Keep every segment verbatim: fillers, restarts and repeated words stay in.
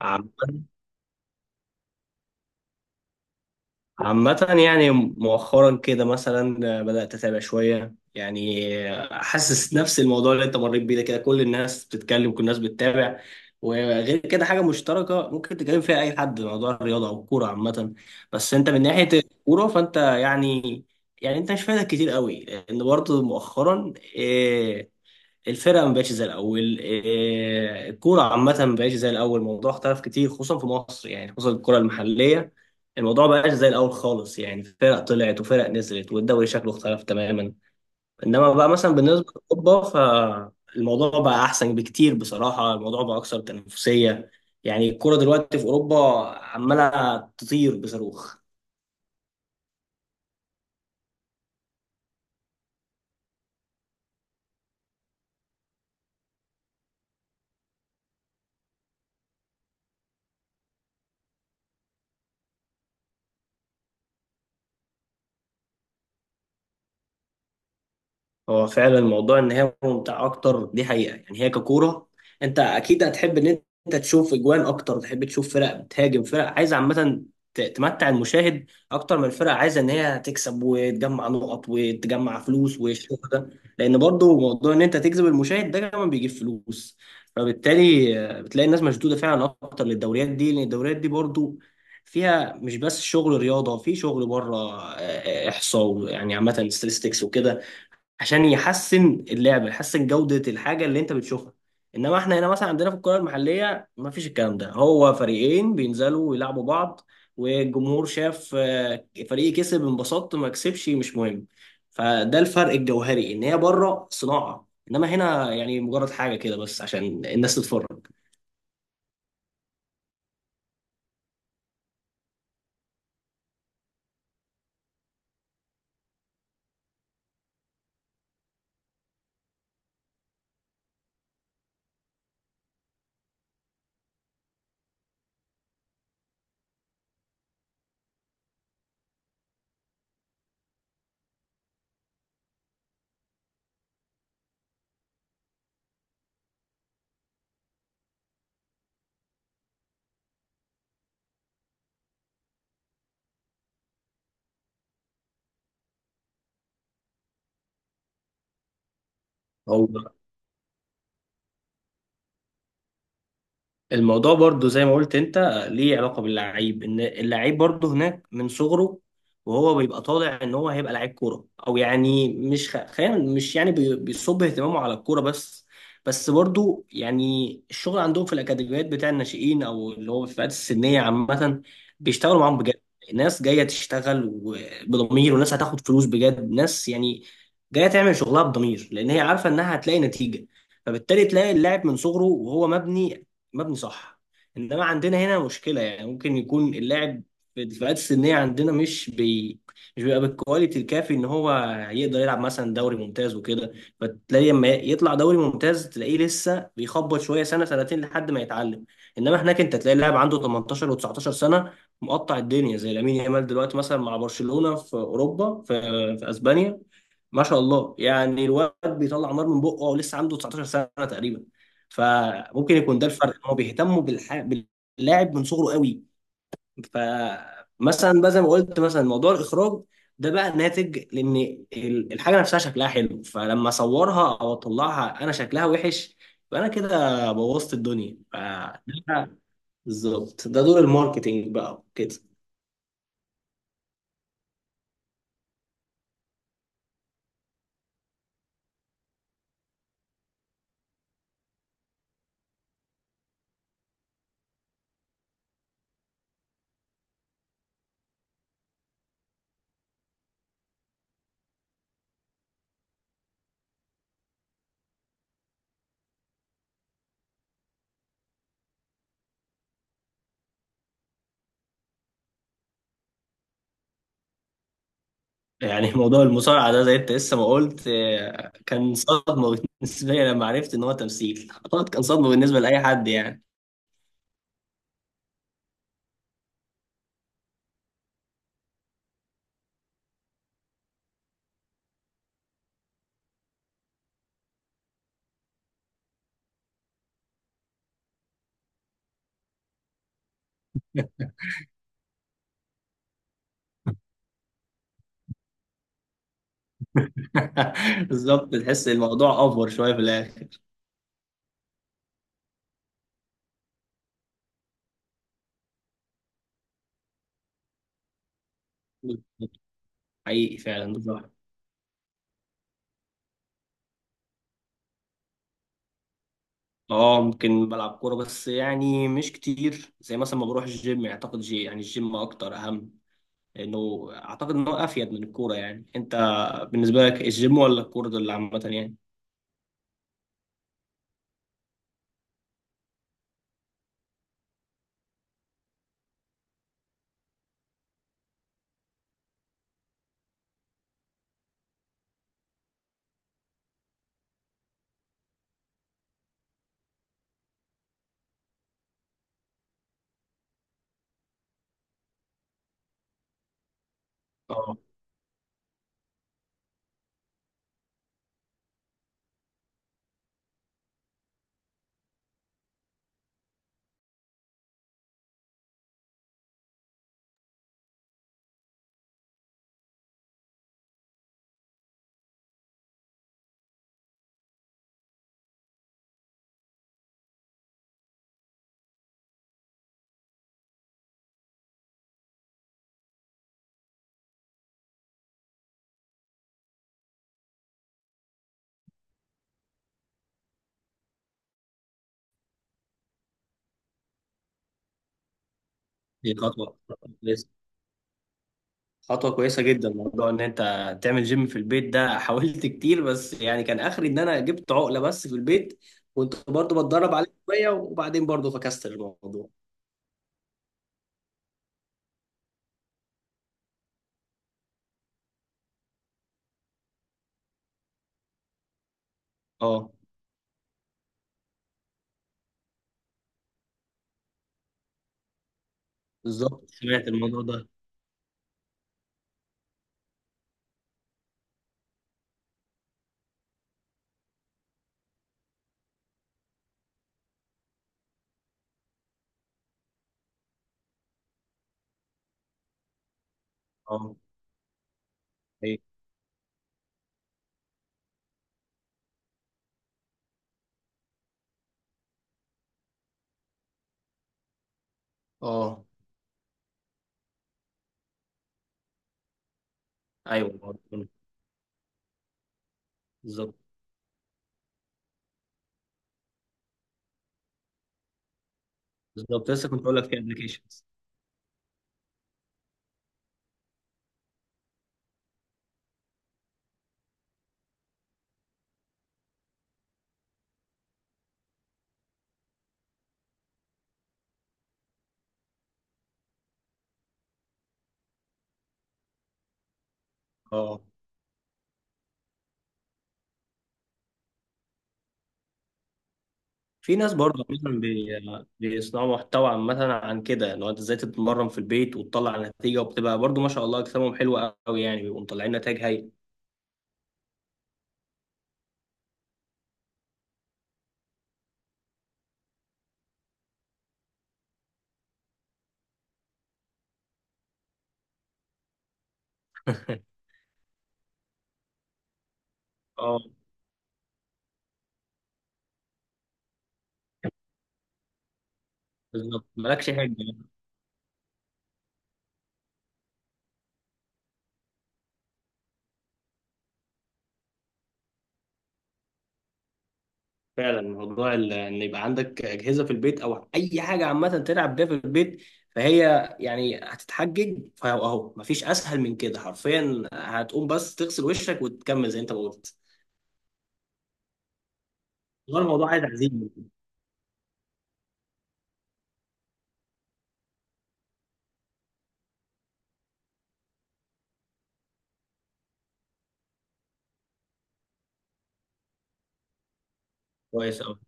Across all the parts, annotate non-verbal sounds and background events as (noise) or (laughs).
عامة. عامة يعني مؤخرا كده مثلا بدأت أتابع شوية يعني. حاسس نفس الموضوع اللي أنت مريت بيه ده، كده كل الناس بتتكلم، كل الناس بتتابع. وغير كده حاجة مشتركة ممكن تتكلم فيها أي حد، موضوع الرياضة أو الكورة عامة. بس أنت من ناحية الكورة فأنت يعني، يعني أنت مش فايدك كتير قوي، لأن برضه مؤخرا آه، الفرقه ما بقتش زي الاول، إيه، الكوره عامه ما بقتش زي الاول، الموضوع اختلف كتير خصوصا في مصر، يعني خصوصا الكوره المحليه. الموضوع ما بقاش زي الاول خالص، يعني فرق طلعت وفرق نزلت والدوري شكله اختلف تماما. انما بقى مثلا بالنسبه لاوروبا فالموضوع بقى احسن بكتير، بصراحه الموضوع بقى اكثر تنافسيه. يعني الكوره دلوقتي في اوروبا عماله تطير بصاروخ. هو فعلا الموضوع ان هي ممتعه اكتر، دي حقيقه، يعني هي ككوره. انت اكيد هتحب ان انت تشوف اجوان اكتر، تحب تشوف فرق بتهاجم، فرق عايزه عامه ت- تمتع المشاهد اكتر من الفرق عايزه ان هي تكسب وتجمع نقط وتجمع فلوس والشغل ده. لان برضو موضوع ان انت تجذب المشاهد ده كمان بيجيب فلوس. فبالتالي آه، بتلاقي الناس مشدوده فعلا اكتر للدوريات دي، لان الدوريات دي برضو فيها مش بس شغل رياضه، في شغل بره، آه، احصاء يعني، عامه ستاتستكس وكده، عشان يحسن اللعبه، يحسن جوده الحاجه اللي انت بتشوفها. انما احنا هنا مثلا عندنا في الكره المحليه ما فيش الكلام ده، هو فريقين بينزلوا ويلعبوا بعض والجمهور شاف آه، فريق كسب انبسطت، ما كسبش مش مهم. فده الفرق الجوهري، ان هي بره صناعه، انما هنا يعني مجرد حاجه كده بس عشان الناس تتفرج. الموضوع برضو زي ما قلت انت ليه علاقة باللعيب، ان اللعيب برضو هناك من صغره وهو بيبقى طالع ان هو هيبقى لعيب كورة، او يعني مش خ... خلينا مش يعني بي- بيصب اهتمامه على الكورة بس. بس برضو يعني الشغل عندهم في الاكاديميات بتاع الناشئين، او اللي هو في الفئات السنية عامة، بيشتغلوا معاهم بجد. ناس جاية تشتغل و- بضمير، وناس هتاخد فلوس بجد، ناس يعني جاية تعمل شغلها بضمير لان هي عارفة انها هتلاقي نتيجة. فبالتالي تلاقي اللاعب من صغره وهو مبني، مبني صح. انما عندنا هنا مشكله، يعني ممكن يكون اللاعب في الفئات السنيه عندنا مش بي مش بيبقى بالكواليتي الكافي ان هو يقدر يلعب مثلا دوري ممتاز وكده. فتلاقي لما يطلع دوري ممتاز تلاقيه لسه بيخبط شويه سنه سنتين لحد ما يتعلم. انما هناك انت تلاقي لاعب عنده تمنتاشر و19 سنه، مقطع الدنيا زي لامين يامال دلوقتي مثلا مع برشلونه في اوروبا، في في اسبانيا. ما شاء الله يعني الواد بيطلع نار من بقه، ولسه عنده تسعتاشر سنه تقريبا. فممكن يكون ده الفرق، ان هو بيهتموا بالح... باللاعب من صغره قوي. فمثلا بقى زي ما قلت، مثلا موضوع الاخراج ده بقى ناتج لان ال- الحاجه نفسها شكلها حلو، فلما اصورها او اطلعها انا شكلها وحش، يبقى انا كده بوظت الدنيا. فده بالظبط ده دور الماركتينج بقى كده. يعني موضوع المصارعه ده زي انت لسه ما قلت، آه، كان صدمه بالنسبه لي لما عرفت ان هو تمثيل، اعتقد كان صدمه بالنسبه لاي حد يعني. (laughs) بالظبط، تحس الموضوع افور شويه في الاخر. حقيقي فعلا بالظبط. اه، ممكن بلعب كوره بس يعني مش كتير، زي مثلا ما بروح الجيم. اعتقد جي يعني الجيم اكتر اهم، لانه اعتقد ان هو افيد من الكوره. يعني انت بالنسبه لك الجيم ولا الكوره دول عامه يعني؟ اه دي خطوه كويسه، خطوه كويسه جدا موضوع ان انت تعمل جيم في البيت ده. (laughs) حاولت كتير بس يعني كان اخري ان انا جبت عقله بس في البيت، كنت برضو بتدرب عليه شويه، وبعدين برضو فكست الموضوع. اه. بالظبط سمعت الموضوع ده. اه. ايوه. اه ايوه برضه. بالظبط. بالظبط، لسه كنت اقول لك في ابلكيشنز. اه، في ناس برضه مثلا بي- بيصنعوا محتوى عامة عن كده، ان هو انت ازاي تتمرن في البيت وتطلع نتيجة، وبتبقى برضه ما شاء الله اجسامهم حلوة قوي، يعني بيبقوا مطلعين نتائج هايلة. (laughs) اه بالظبط، مالكش حاجة. فعلا موضوع ال- ان يبقى عندك اجهزه في البيت او اي حاجه عامه تلعب بيها في البيت، فهي يعني هتتحجج، فاهو اهو مفيش اسهل من كده حرفيا، هتقوم بس تغسل وشك وتكمل زي انت ما قلت. والله الموضوع عايز عزيمه. كويس قوي.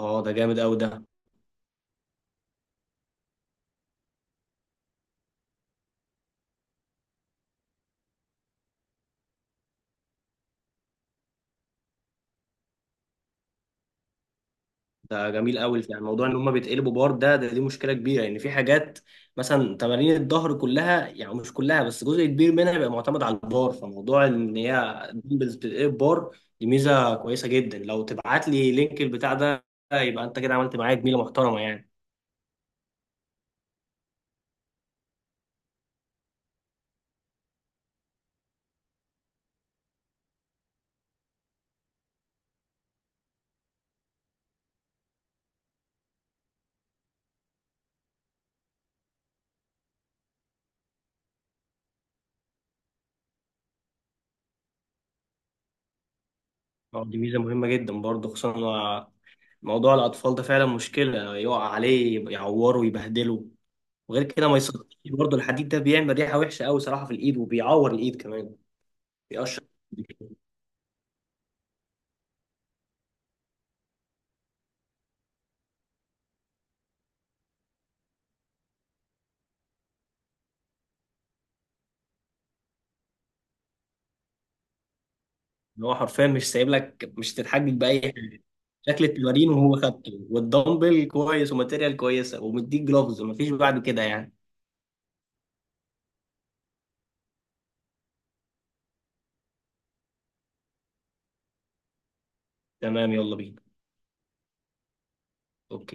اه ده جامد قوي ده. ده جميل قوي، يعني موضوع ان هم بيتقلبوا بار ده، ده دي مشكله كبيره، لان يعني في حاجات مثلا تمارين الظهر كلها، يعني مش كلها بس جزء كبير منها بيبقى معتمد على البار، فموضوع ان هي دمبلز بتتقلب بار دي ميزه كويسه جدا. لو تبعت لي لينك البتاع ده يبقى انت كده عملت معايا جميله محترمه يعني. آه، دي ميزه مهمه جدا برضه، خصوصا إن موضوع الاطفال ده فعلا مشكله، يقع عليه يعوره يبهدله. وغير كده ما يصدقش برضه الحديد ده بيعمل ريحه وحشه قوي صراحه في الايد، وبيعور الايد كمان، بيقشر. اللي هو حرفيا مش سايب لك مش تتحجج باي حاجه. شكل التمارين وهو خدته، والدمبل كويس، وماتيريال كويسه، ومديك جلوفز، ومفيش بعد كده يعني. تمام، يلا بينا.